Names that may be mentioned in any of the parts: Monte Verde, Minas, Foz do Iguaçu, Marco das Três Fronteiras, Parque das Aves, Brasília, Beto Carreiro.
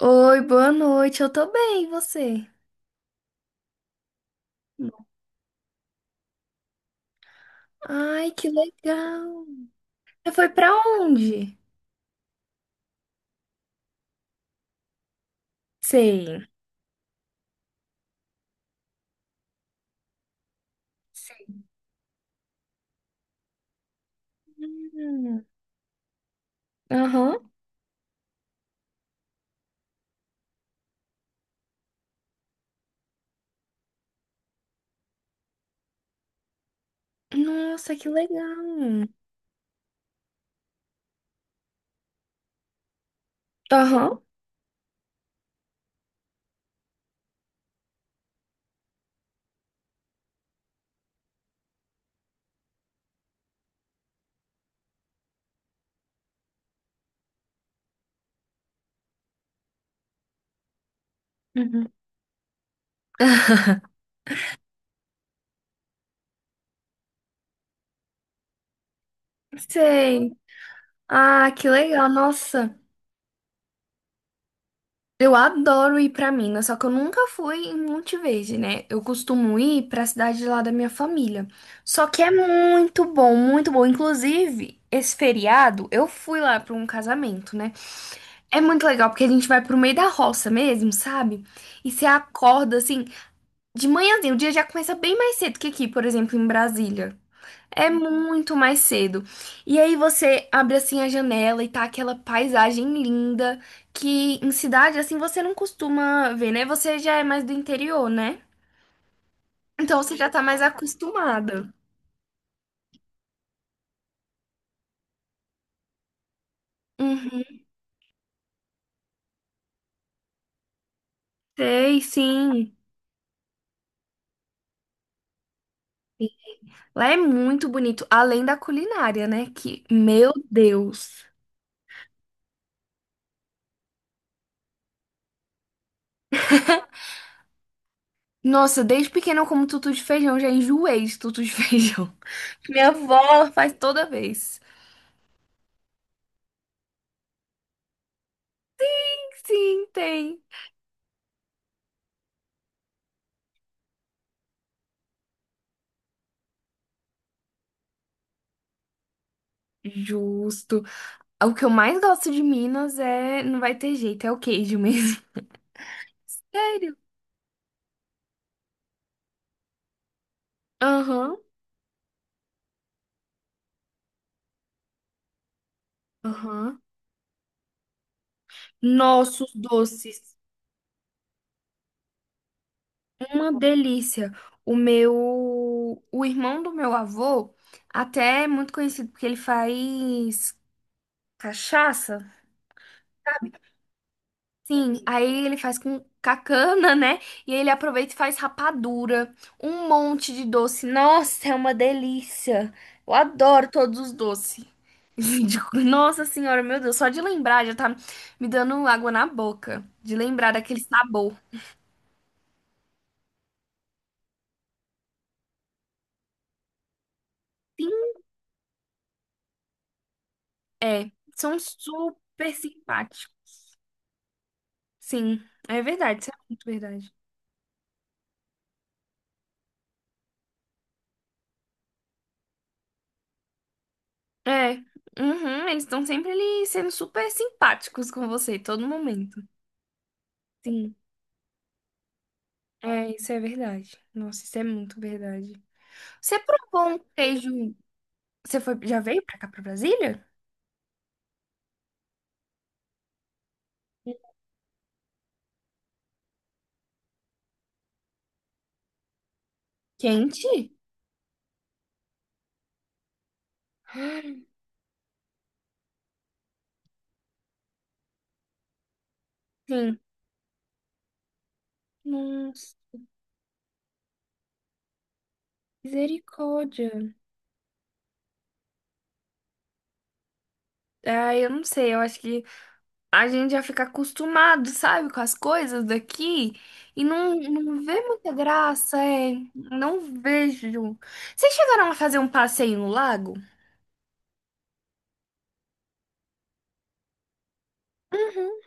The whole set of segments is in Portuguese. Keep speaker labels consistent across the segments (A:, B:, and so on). A: Oi, boa noite. Eu tô bem, e você? Ai, que legal. Você foi pra onde? Sei. Sei. Hum. Aham. Nossa, que legal. Aham. Uhum. Sei. Ah, que legal. Nossa, eu adoro ir pra Minas, só que eu nunca fui em Monte Verde, né? Eu costumo ir pra cidade lá da minha família. Só que é muito bom, muito bom. Inclusive, esse feriado eu fui lá pra um casamento, né? É muito legal, porque a gente vai pro meio da roça mesmo, sabe? E você acorda, assim, de manhãzinho. O dia já começa bem mais cedo que aqui, por exemplo, em Brasília. É muito mais cedo. E aí você abre, assim, a janela e tá aquela paisagem linda que em cidade, assim, você não costuma ver, né? Você já é mais do interior, né? Então você já tá mais acostumada. Uhum. Sei, sim. Lá é muito bonito. Além da culinária, né? Que, meu Deus. Nossa, desde pequena eu como tutu de feijão, já enjoei de tutu de feijão. Minha avó faz toda vez. Sim, tem. Justo. O que eu mais gosto de Minas é. Não vai ter jeito, é o queijo mesmo. Sério? Aham, aham. Nossos doces. Uma delícia. O meu. O irmão do meu avô, até é muito conhecido porque ele faz cachaça. Sim, aí ele faz com cacana, né? E aí ele aproveita e faz rapadura, um monte de doce. Nossa, é uma delícia. Eu adoro todos os doces. De- Nossa senhora, meu Deus, só de lembrar já tá me dando água na boca. De lembrar daquele sabor. Sim, é. São super simpáticos. Sim, é verdade, isso é muito verdade. É, uhum, eles estão sempre ali sendo super simpáticos com você, todo momento. Sim. É, isso é verdade. Nossa, isso é muito verdade. Você provou um queijo? Você foi, já veio pra cá, pra Brasília? Quente? Sim. Nossa, misericórdia. Ah, eu não sei, eu acho que a gente já fica acostumado, sabe, com as coisas daqui e não vê muita graça, é. Não vejo. Vocês chegaram a fazer um passeio no lago? Uhum.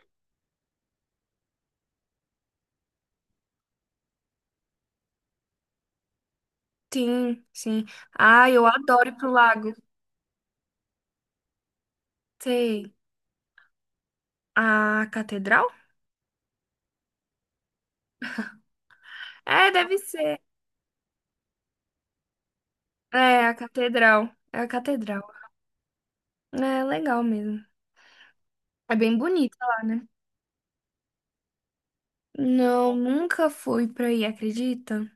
A: Sim, sim. Ah, eu adoro ir pro lago. Sei. A catedral? É, deve ser. É, a catedral. É a catedral. É legal mesmo. É bem bonita lá, né? Não, nunca fui pra aí, acredita?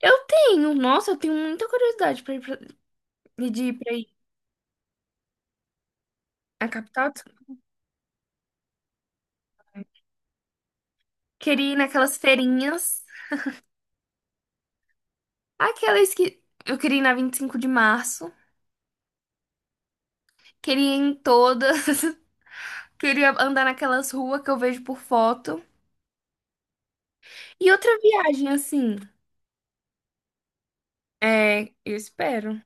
A: Eu tenho, nossa, eu tenho muita curiosidade pra ir pra, de ir pra aí. A capital? Queria ir naquelas feirinhas. Aquelas que eu queria ir na 25 de março. Queria ir em todas. Queria andar naquelas ruas que eu vejo por foto. E outra viagem, assim. É, eu espero.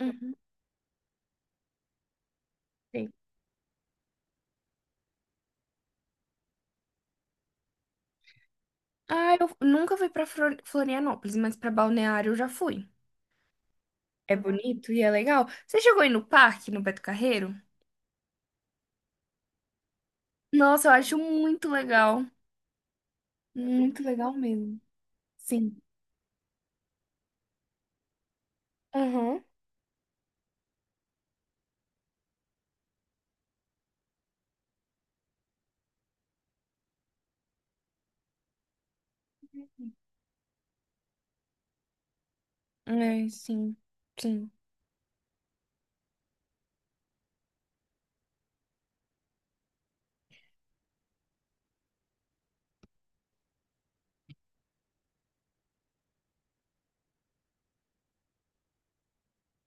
A: Uhum. Ah, eu nunca fui pra Flor- Florianópolis, mas pra Balneário eu já fui. É bonito e é legal. Você chegou aí no parque, no Beto Carreiro? Nossa, eu acho muito legal. Muito legal mesmo. Sim. Aham. É, sim. Sim.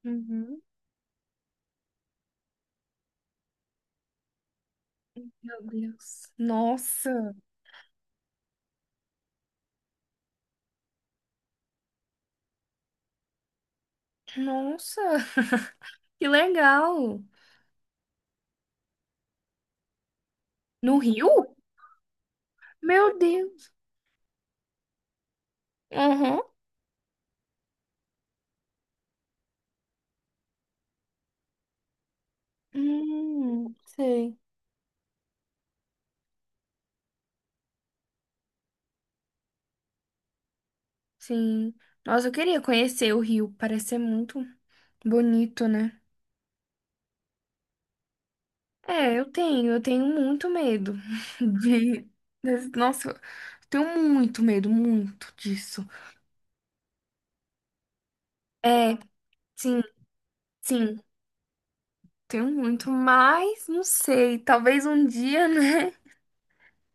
A: Uhum. Meu Deus. Nossa. Nossa. Que legal. No Rio? Meu Deus. Aham. Sei. Sim. Nossa, eu queria conhecer o Rio. Parece ser muito bonito, né? É, eu tenho muito medo de. Des- Nossa, eu tenho muito medo, muito disso. É, sim, sim, tenho muito, mas não sei, talvez um dia, né,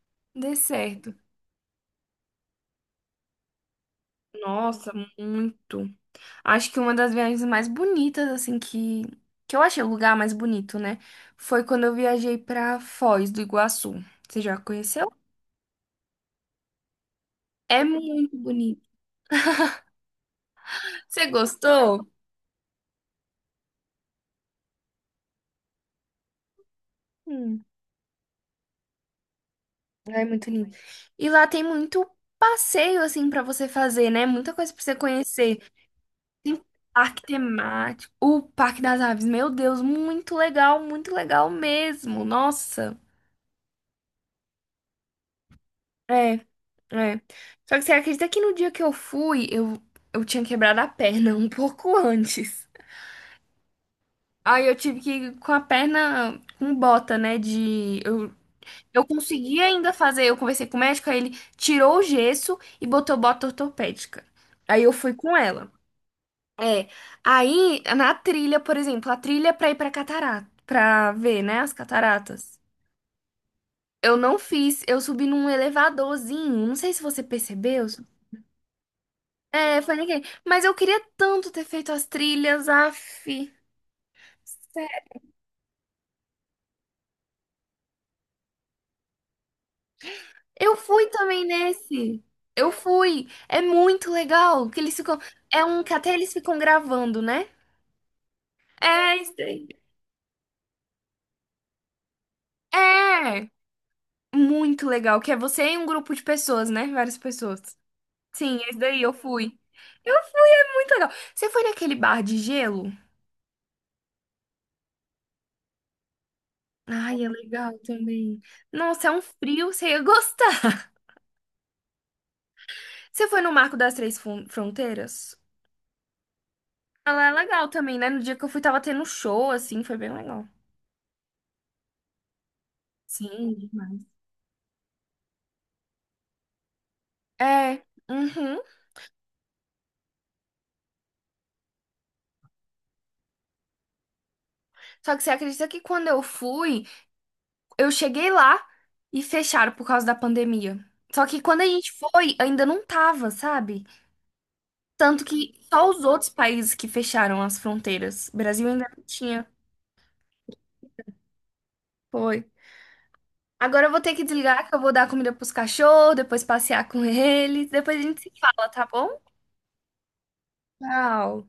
A: dê certo. Nossa, muito. Acho que uma das viagens mais bonitas, assim, que eu achei o lugar mais bonito, né, foi quando eu viajei pra Foz do Iguaçu. Você já conheceu? É muito bonito. Você gostou? É muito lindo. E lá tem muito passeio assim pra você fazer, né? Muita coisa pra você conhecer. Tem parque temático, o Parque das Aves. Meu Deus, muito legal mesmo. Nossa. É, é. Só que você acredita que no dia que eu fui, eu tinha quebrado a perna um pouco antes. Aí eu tive que ir com a perna com bota, né? De eu consegui ainda fazer, eu conversei com o médico, aí ele tirou o gesso e botou bota ortopédica. Aí eu fui com ela. É. Aí, na trilha, por exemplo, a trilha é pra ir pra catarata, pra ver, né, as cataratas. Eu não fiz, eu subi num elevadorzinho, não sei se você percebeu. É, foi ninguém. Mas eu queria tanto ter feito as trilhas, af. Sério. Eu fui também nesse. Eu fui. É muito legal que eles ficam. É um que até eles ficam gravando, né? É, isso aí. É muito legal, que é você e um grupo de pessoas, né? Várias pessoas. Sim, esse daí eu fui. Eu fui, é muito legal. Você foi naquele bar de gelo? Ai, é legal também. Nossa, é um frio, você ia gostar. Você foi no Marco das Três Fron- Fronteiras? Ela é legal também, né? No dia que eu fui, tava tendo um show, assim, foi bem legal. Sim, demais. É, uhum. Só que você acredita que quando eu fui, eu cheguei lá e fecharam por causa da pandemia. Só que quando a gente foi, ainda não tava, sabe? Tanto que só os outros países que fecharam as fronteiras. O Brasil ainda não tinha. Foi. Agora eu vou ter que desligar, que eu vou dar comida pros cachorros, depois passear com eles. Depois a gente se fala, tá bom? Tchau.